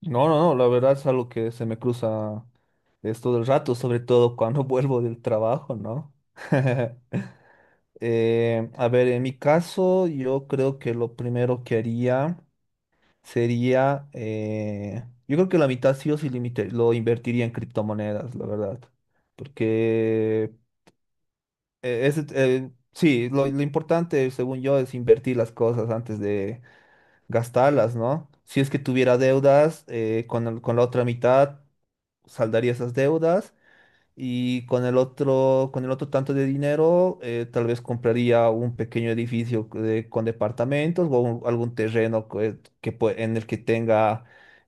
No, no, no, la verdad es algo que se me cruza esto del rato, sobre todo cuando vuelvo del trabajo, ¿no? A ver, en mi caso, yo creo que lo primero que haría sería, yo creo que la mitad sí o sí limite, lo invertiría en criptomonedas, la verdad, porque sí, lo importante, según yo, es invertir las cosas antes de gastarlas, ¿no? Si es que tuviera deudas, con la otra mitad saldaría esas deudas, y con el otro, tanto de dinero, tal vez compraría un pequeño edificio con departamentos, o algún terreno en el que tenga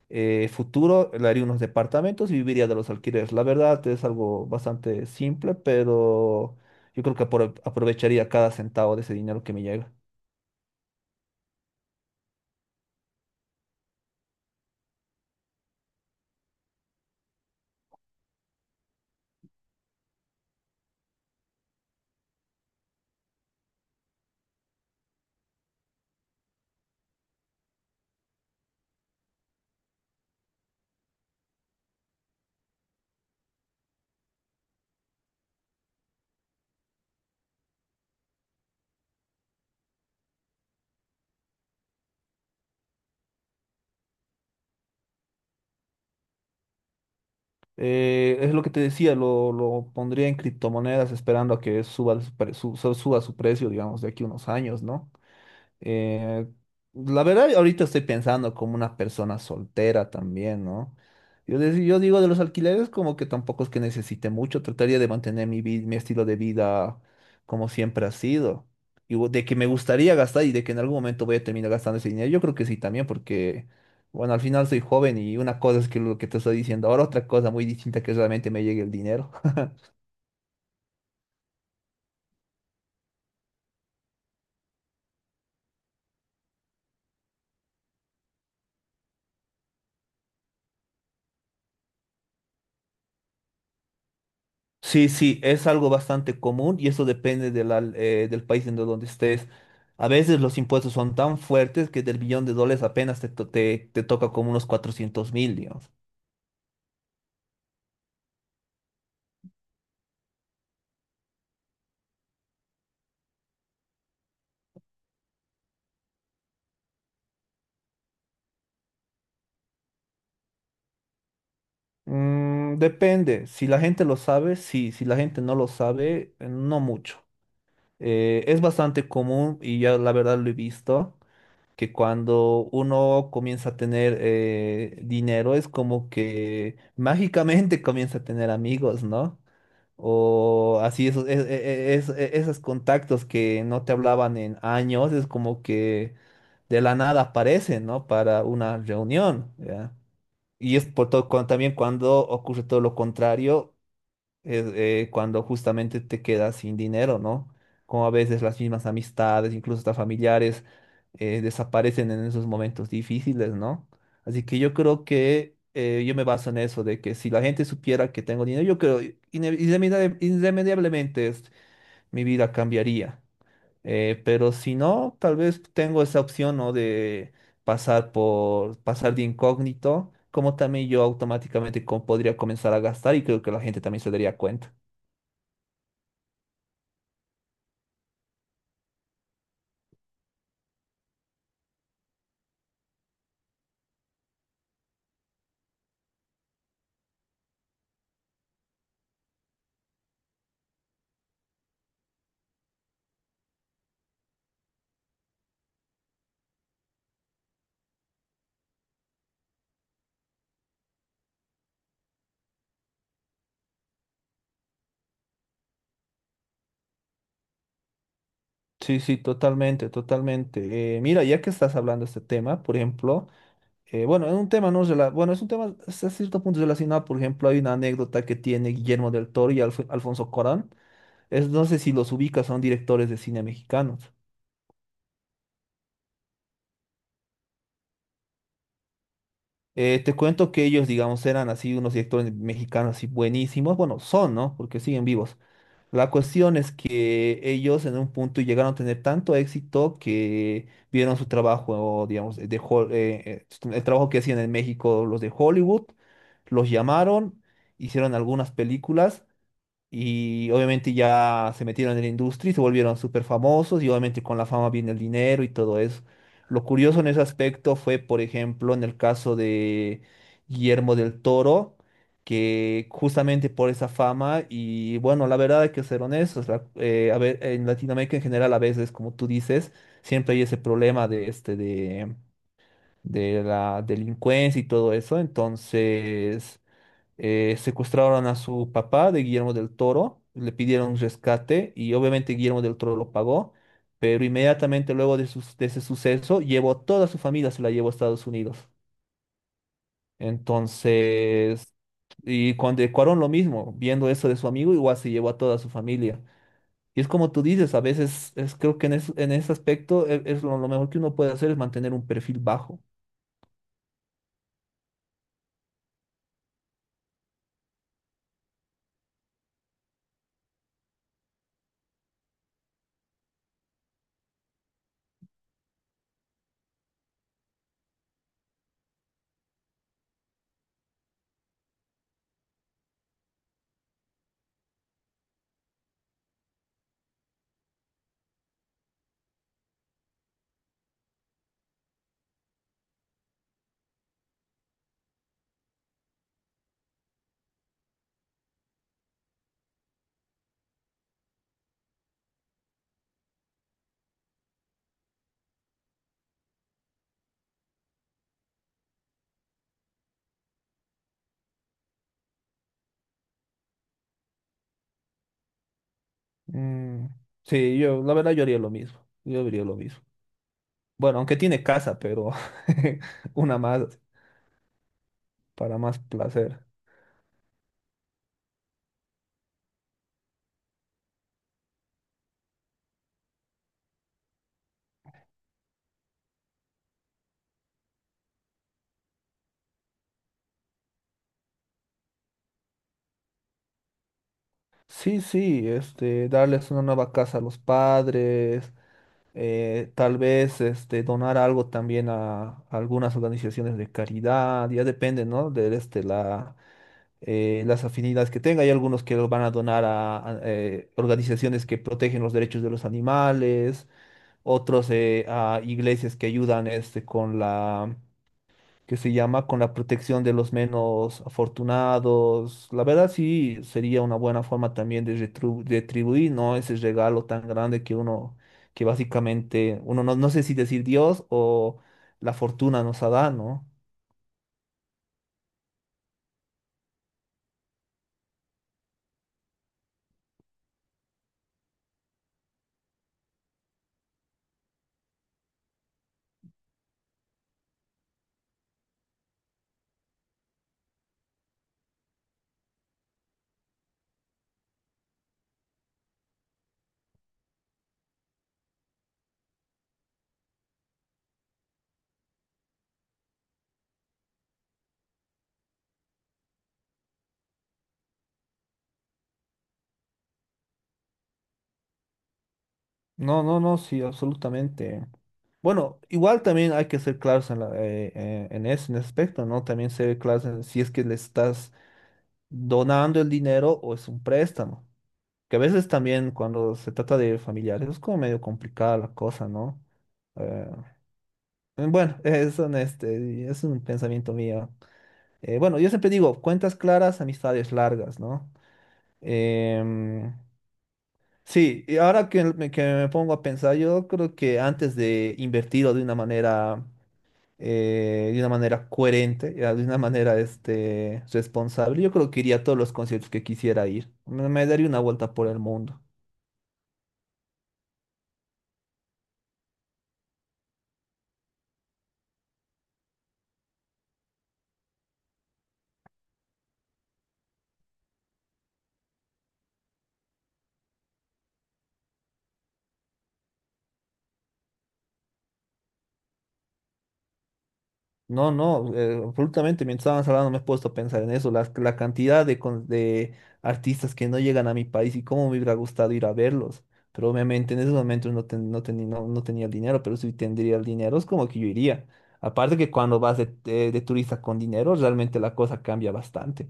futuro, le haría unos departamentos y viviría de los alquileres. La verdad es algo bastante simple, pero yo creo que aprovecharía cada centavo de ese dinero que me llega. Es lo que te decía, lo pondría en criptomonedas esperando a que suba su precio, digamos, de aquí a unos años, ¿no? Eh, la verdad, ahorita estoy pensando como una persona soltera también, ¿no? Yo digo, de los alquileres como que tampoco es que necesite mucho, trataría de mantener mi, mi estilo de vida como siempre ha sido. De que me gustaría gastar y de que en algún momento voy a terminar gastando ese dinero, yo creo que sí también, porque, bueno, al final soy joven, y una cosa es que lo que te estoy diciendo ahora, otra cosa muy distinta que realmente me llegue el dinero. Sí, sí, es algo bastante común y eso depende de del país en donde estés. A veces los impuestos son tan fuertes que del billón de dólares apenas te toca como unos 400.000, digamos. Depende, si la gente lo sabe, sí; si la gente no lo sabe, no mucho. Es bastante común, y ya la verdad lo he visto, que cuando uno comienza a tener dinero es como que mágicamente comienza a tener amigos, ¿no? O así, esos, es- e, esos contactos que no te hablaban en años, es como que de la nada aparecen, ¿no? Para una reunión, ¿ya? Y es por todo, también cuando ocurre todo lo contrario, cuando justamente te quedas sin dinero, ¿no? Como a veces las mismas amistades, incluso hasta familiares, desaparecen en esos momentos difíciles, ¿no? Así que yo creo que, yo me baso en eso, de que si la gente supiera que tengo dinero, yo creo irremediablemente mi vida cambiaría. Pero si no, tal vez tengo esa opción, ¿no? De pasar de incógnito, como también yo automáticamente podría comenzar a gastar, y creo que la gente también se daría cuenta. Sí, sí, totalmente, totalmente. Mira, ya que estás hablando de este tema, por ejemplo, bueno, es un tema no rela- bueno, es un tema hasta cierto punto relacionado. Por ejemplo, hay una anécdota que tiene Guillermo del Toro y Alfonso Corán. No sé si los ubicas, son directores de cine mexicanos. Te cuento que ellos, digamos, eran así unos directores mexicanos así buenísimos. Bueno, son, ¿no? Porque siguen vivos. La cuestión es que ellos en un punto llegaron a tener tanto éxito que vieron su trabajo, digamos, el trabajo que hacían en México los de Hollywood, los llamaron, hicieron algunas películas, y obviamente ya se metieron en la industria y se volvieron súper famosos, y obviamente con la fama viene el dinero y todo eso. Lo curioso en ese aspecto fue, por ejemplo, en el caso de Guillermo del Toro, que justamente por esa fama, y bueno, la verdad hay que ser honestos, a ver, en Latinoamérica en general a veces, como tú dices, siempre hay ese problema de la delincuencia y todo eso. Entonces secuestraron a su papá de Guillermo del Toro, le pidieron un rescate, y obviamente Guillermo del Toro lo pagó, pero inmediatamente luego de ese suceso llevó a toda su familia, se la llevó a Estados Unidos. Entonces, y cuando Cuarón lo mismo, viendo eso de su amigo, igual se llevó a toda su familia. Y es como tú dices, a veces es, creo que en, en ese aspecto lo mejor que uno puede hacer es mantener un perfil bajo. Mm, sí, yo la verdad yo haría lo mismo. Yo haría lo mismo. Bueno, aunque tiene casa, pero una más, para más placer. Sí, sí, darles una nueva casa a los padres, tal vez, donar algo también a, algunas organizaciones de caridad, ya depende, ¿no? De las afinidades que tenga. Hay algunos que lo van a donar a, organizaciones que protegen los derechos de los animales; otros, a iglesias que ayudan, con la, que se llama, con la protección de los menos afortunados. La verdad sí sería una buena forma también de retribuir, ¿no? Ese regalo tan grande que que básicamente uno, no, no sé si decir Dios o la fortuna, nos ha dado, ¿no? No, no, no, sí, absolutamente. Bueno, igual también hay que ser claros en ese aspecto, ¿no? También ser claros en si es que le estás donando el dinero o es un préstamo. Que a veces también cuando se trata de familiares es como medio complicada la cosa, ¿no? Eh, bueno, es un pensamiento mío. Bueno, yo siempre digo, cuentas claras, amistades largas, ¿no? Em, sí, y ahora que me pongo a pensar, yo creo que antes de invertirlo de una manera, coherente, ya, de una manera, responsable, yo creo que iría a todos los conciertos que quisiera ir. Me daría una vuelta por el mundo. No, no, absolutamente. Mientras estabas hablando me he puesto a pensar en eso, la cantidad de artistas que no llegan a mi país, y cómo me hubiera gustado ir a verlos. Pero obviamente en esos momentos no tenía el dinero, pero si tendría el dinero es como que yo iría. Aparte que cuando vas de turista con dinero, realmente la cosa cambia bastante.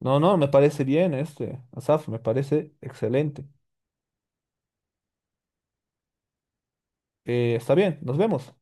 No, no, me parece bien, Asaf, me parece excelente. Está bien, nos vemos.